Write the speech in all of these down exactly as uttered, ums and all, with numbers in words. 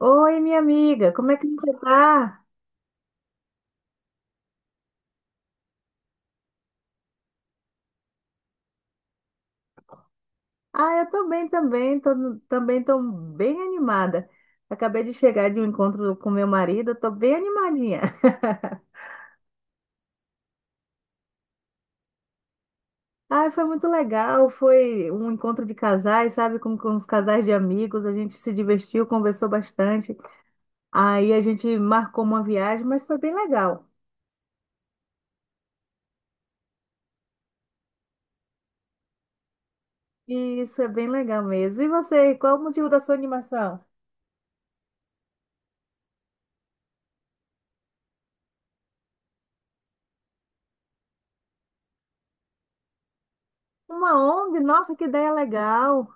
Oi, minha amiga, como é que você tá? Ah, eu tô bem também, tô, também tô bem animada. Acabei de chegar de um encontro com meu marido, tô bem animadinha. Ah, foi muito legal, foi um encontro de casais, sabe, com, com os casais de amigos, a gente se divertiu, conversou bastante. Aí a gente marcou uma viagem, mas foi bem legal. Isso é bem legal mesmo. E você, qual é o motivo da sua animação? Uma O N G? Nossa, que ideia legal!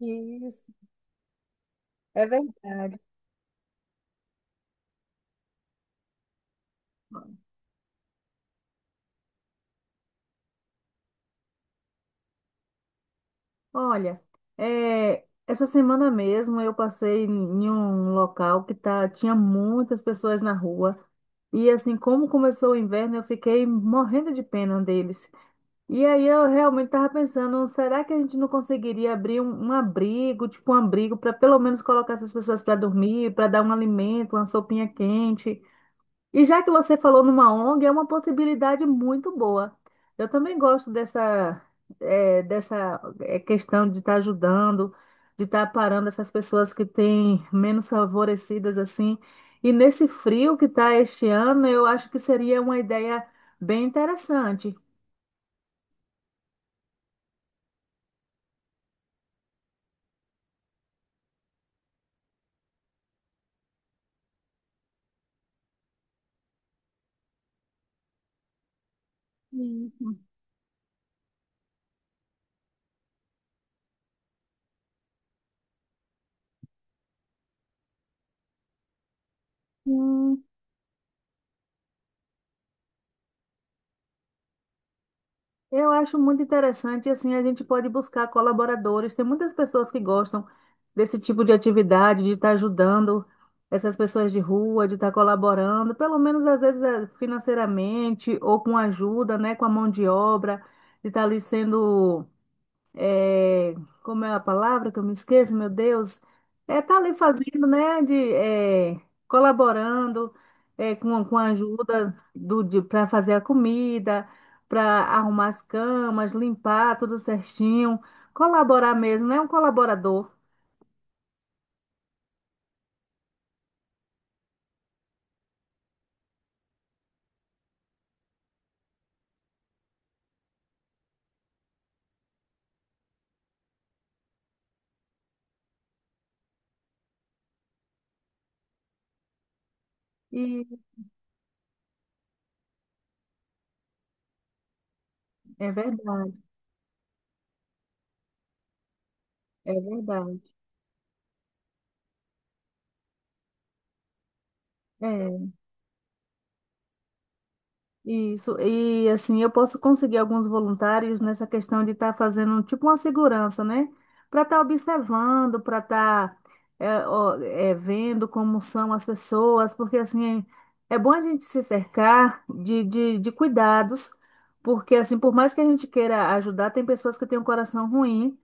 Isso, é verdade. Olha, é, essa semana mesmo eu passei em um local que tá, tinha muitas pessoas na rua. E assim, como começou o inverno, eu fiquei morrendo de pena deles. E aí eu realmente estava pensando, será que a gente não conseguiria abrir um, um abrigo, tipo um abrigo, para pelo menos colocar essas pessoas para dormir, para dar um alimento, uma sopinha quente? E já que você falou numa O N G, é uma possibilidade muito boa. Eu também gosto dessa, eh, dessa eh, questão de estar ajudando, de estar parando essas pessoas que têm menos favorecidas assim. E nesse frio que está este ano, eu acho que seria uma ideia bem interessante. Sim. Eu acho muito interessante, assim, a gente pode buscar colaboradores. Tem muitas pessoas que gostam desse tipo de atividade, de estar ajudando essas pessoas de rua, de estar colaborando, pelo menos às vezes eh, financeiramente ou com ajuda, né, com a mão de obra, de estar ali sendo é, como é a palavra que eu me esqueço, meu Deus, é tá ali fazendo, né, de, é, colaborando é, com, com a ajuda do, de, para fazer a comida, para arrumar as camas, limpar tudo certinho, colaborar mesmo, né, um colaborador. E é verdade, é verdade. É Isso, e assim, eu posso conseguir alguns voluntários nessa questão de estar fazendo tipo uma segurança, né? Para estar observando, para estar vendo como são as pessoas, porque assim, é bom a gente se cercar de, de, de cuidados, porque assim, por mais que a gente queira ajudar, tem pessoas que têm um coração ruim,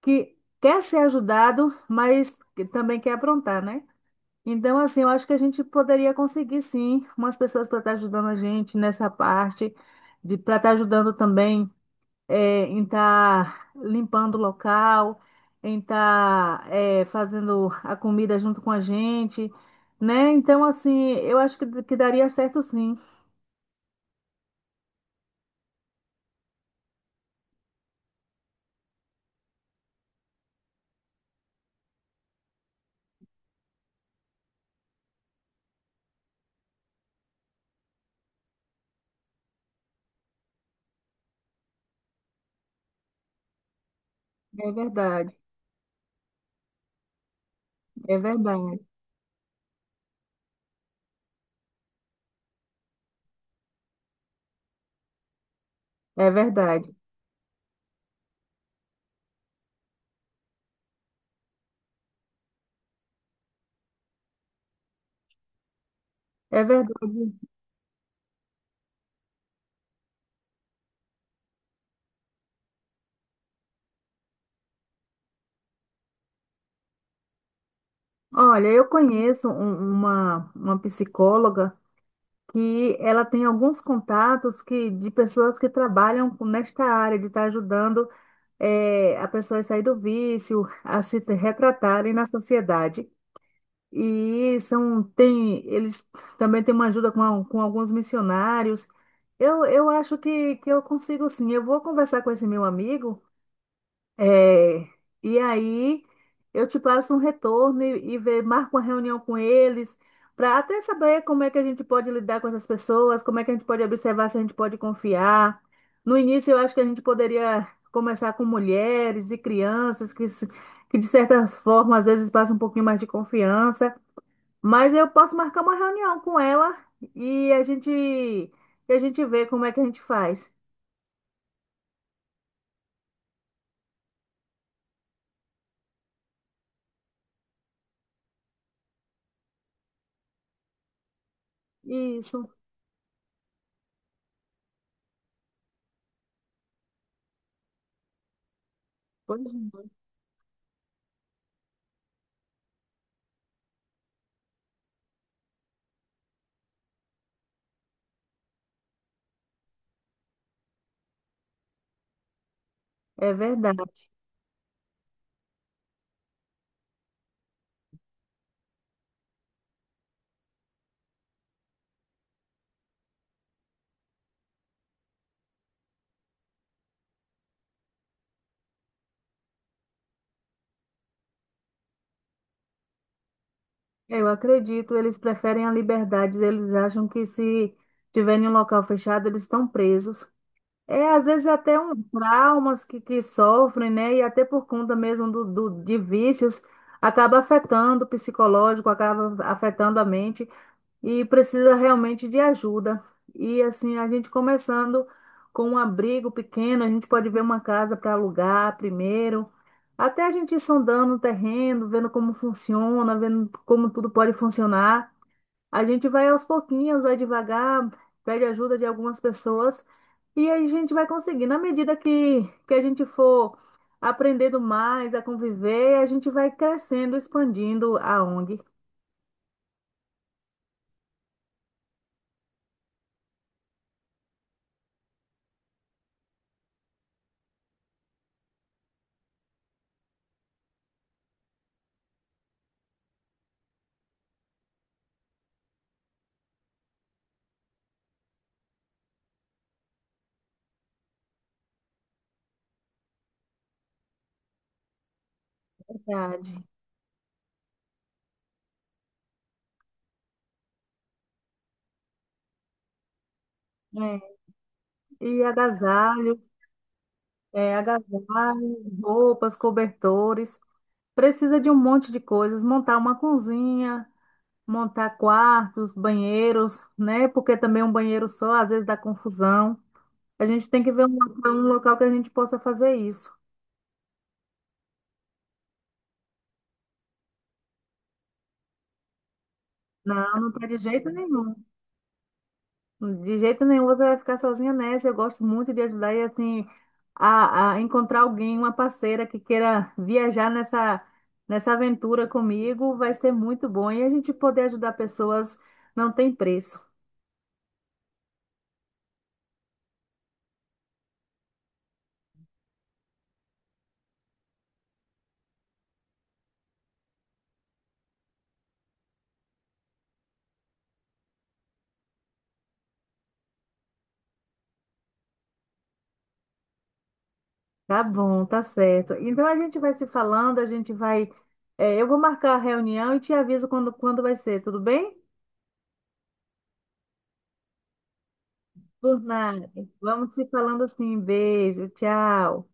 que quer ser ajudado, mas que também quer aprontar, né? Então, assim, eu acho que a gente poderia conseguir, sim, umas pessoas para estar ajudando a gente nessa parte, de para estar ajudando também eh, em estar limpando o local, em estar fazendo a comida junto com a gente, né? Então, assim, eu acho que, que daria certo, sim. É verdade, é verdade, é verdade, é verdade. Olha, eu conheço um- uma, uma psicóloga. Que ela tem alguns contatos que, de pessoas que trabalham com- nesta área, de estar ajudando eh, a pessoa a sair do vício, a se te- retratarem na sociedade. E são, tem, eles também têm uma ajuda com, al- com alguns missionários. Eu, eu acho que, que eu consigo sim. Eu vou conversar com esse meu amigo é, e aí eu te passo um retorno e, e ver, marco uma reunião com eles, para até saber como é que a gente pode lidar com essas pessoas, como é que a gente pode observar se a gente pode confiar. No início, eu acho que a gente poderia começar com mulheres e crianças que, se- que de certas formas, às vezes passam um pouquinho mais de confiança, mas eu posso marcar uma reunião com ela e a gente, e a gente vê como é que a gente faz. Isso, pois é. É verdade. Eu acredito, eles preferem a liberdade, eles acham que se tiverem em um local fechado, eles estão presos. É, às vezes até um traumas que, que sofrem, né? E até por conta mesmo do, do, de vícios, acaba afetando o psicológico, acaba afetando a mente e precisa realmente de ajuda. E assim, a gente começando com um abrigo pequeno, a gente pode ver uma casa para alugar primeiro, até a gente ir sondando o terreno, vendo como funciona, vendo como tudo pode funcionar. A gente vai aos pouquinhos, vai devagar, pede ajuda de algumas pessoas e aí a gente vai conseguir. Na medida que, que a gente for aprendendo mais a conviver, a gente vai crescendo, expandindo a O N G. Verdade. É, e agasalho. É, agasalhos, roupas, cobertores. Precisa de um monte de coisas. Montar uma cozinha, montar quartos, banheiros, né? Porque também um banheiro só às vezes dá confusão. A gente tem que ver um local, um local que a gente possa fazer isso. Não, não tá de jeito nenhum. De jeito nenhum você vai ficar sozinha nessa. Eu gosto muito de ajudar e assim a, a encontrar alguém, uma parceira que queira viajar nessa nessa aventura comigo, vai ser muito bom e a gente poder ajudar pessoas não tem preço. Tá bom, tá certo. Então a gente vai se falando, a gente vai. Eh, eu vou marcar a reunião e te aviso quando quando vai ser, tudo bem? Por nada. Vamos se falando assim. Beijo, tchau.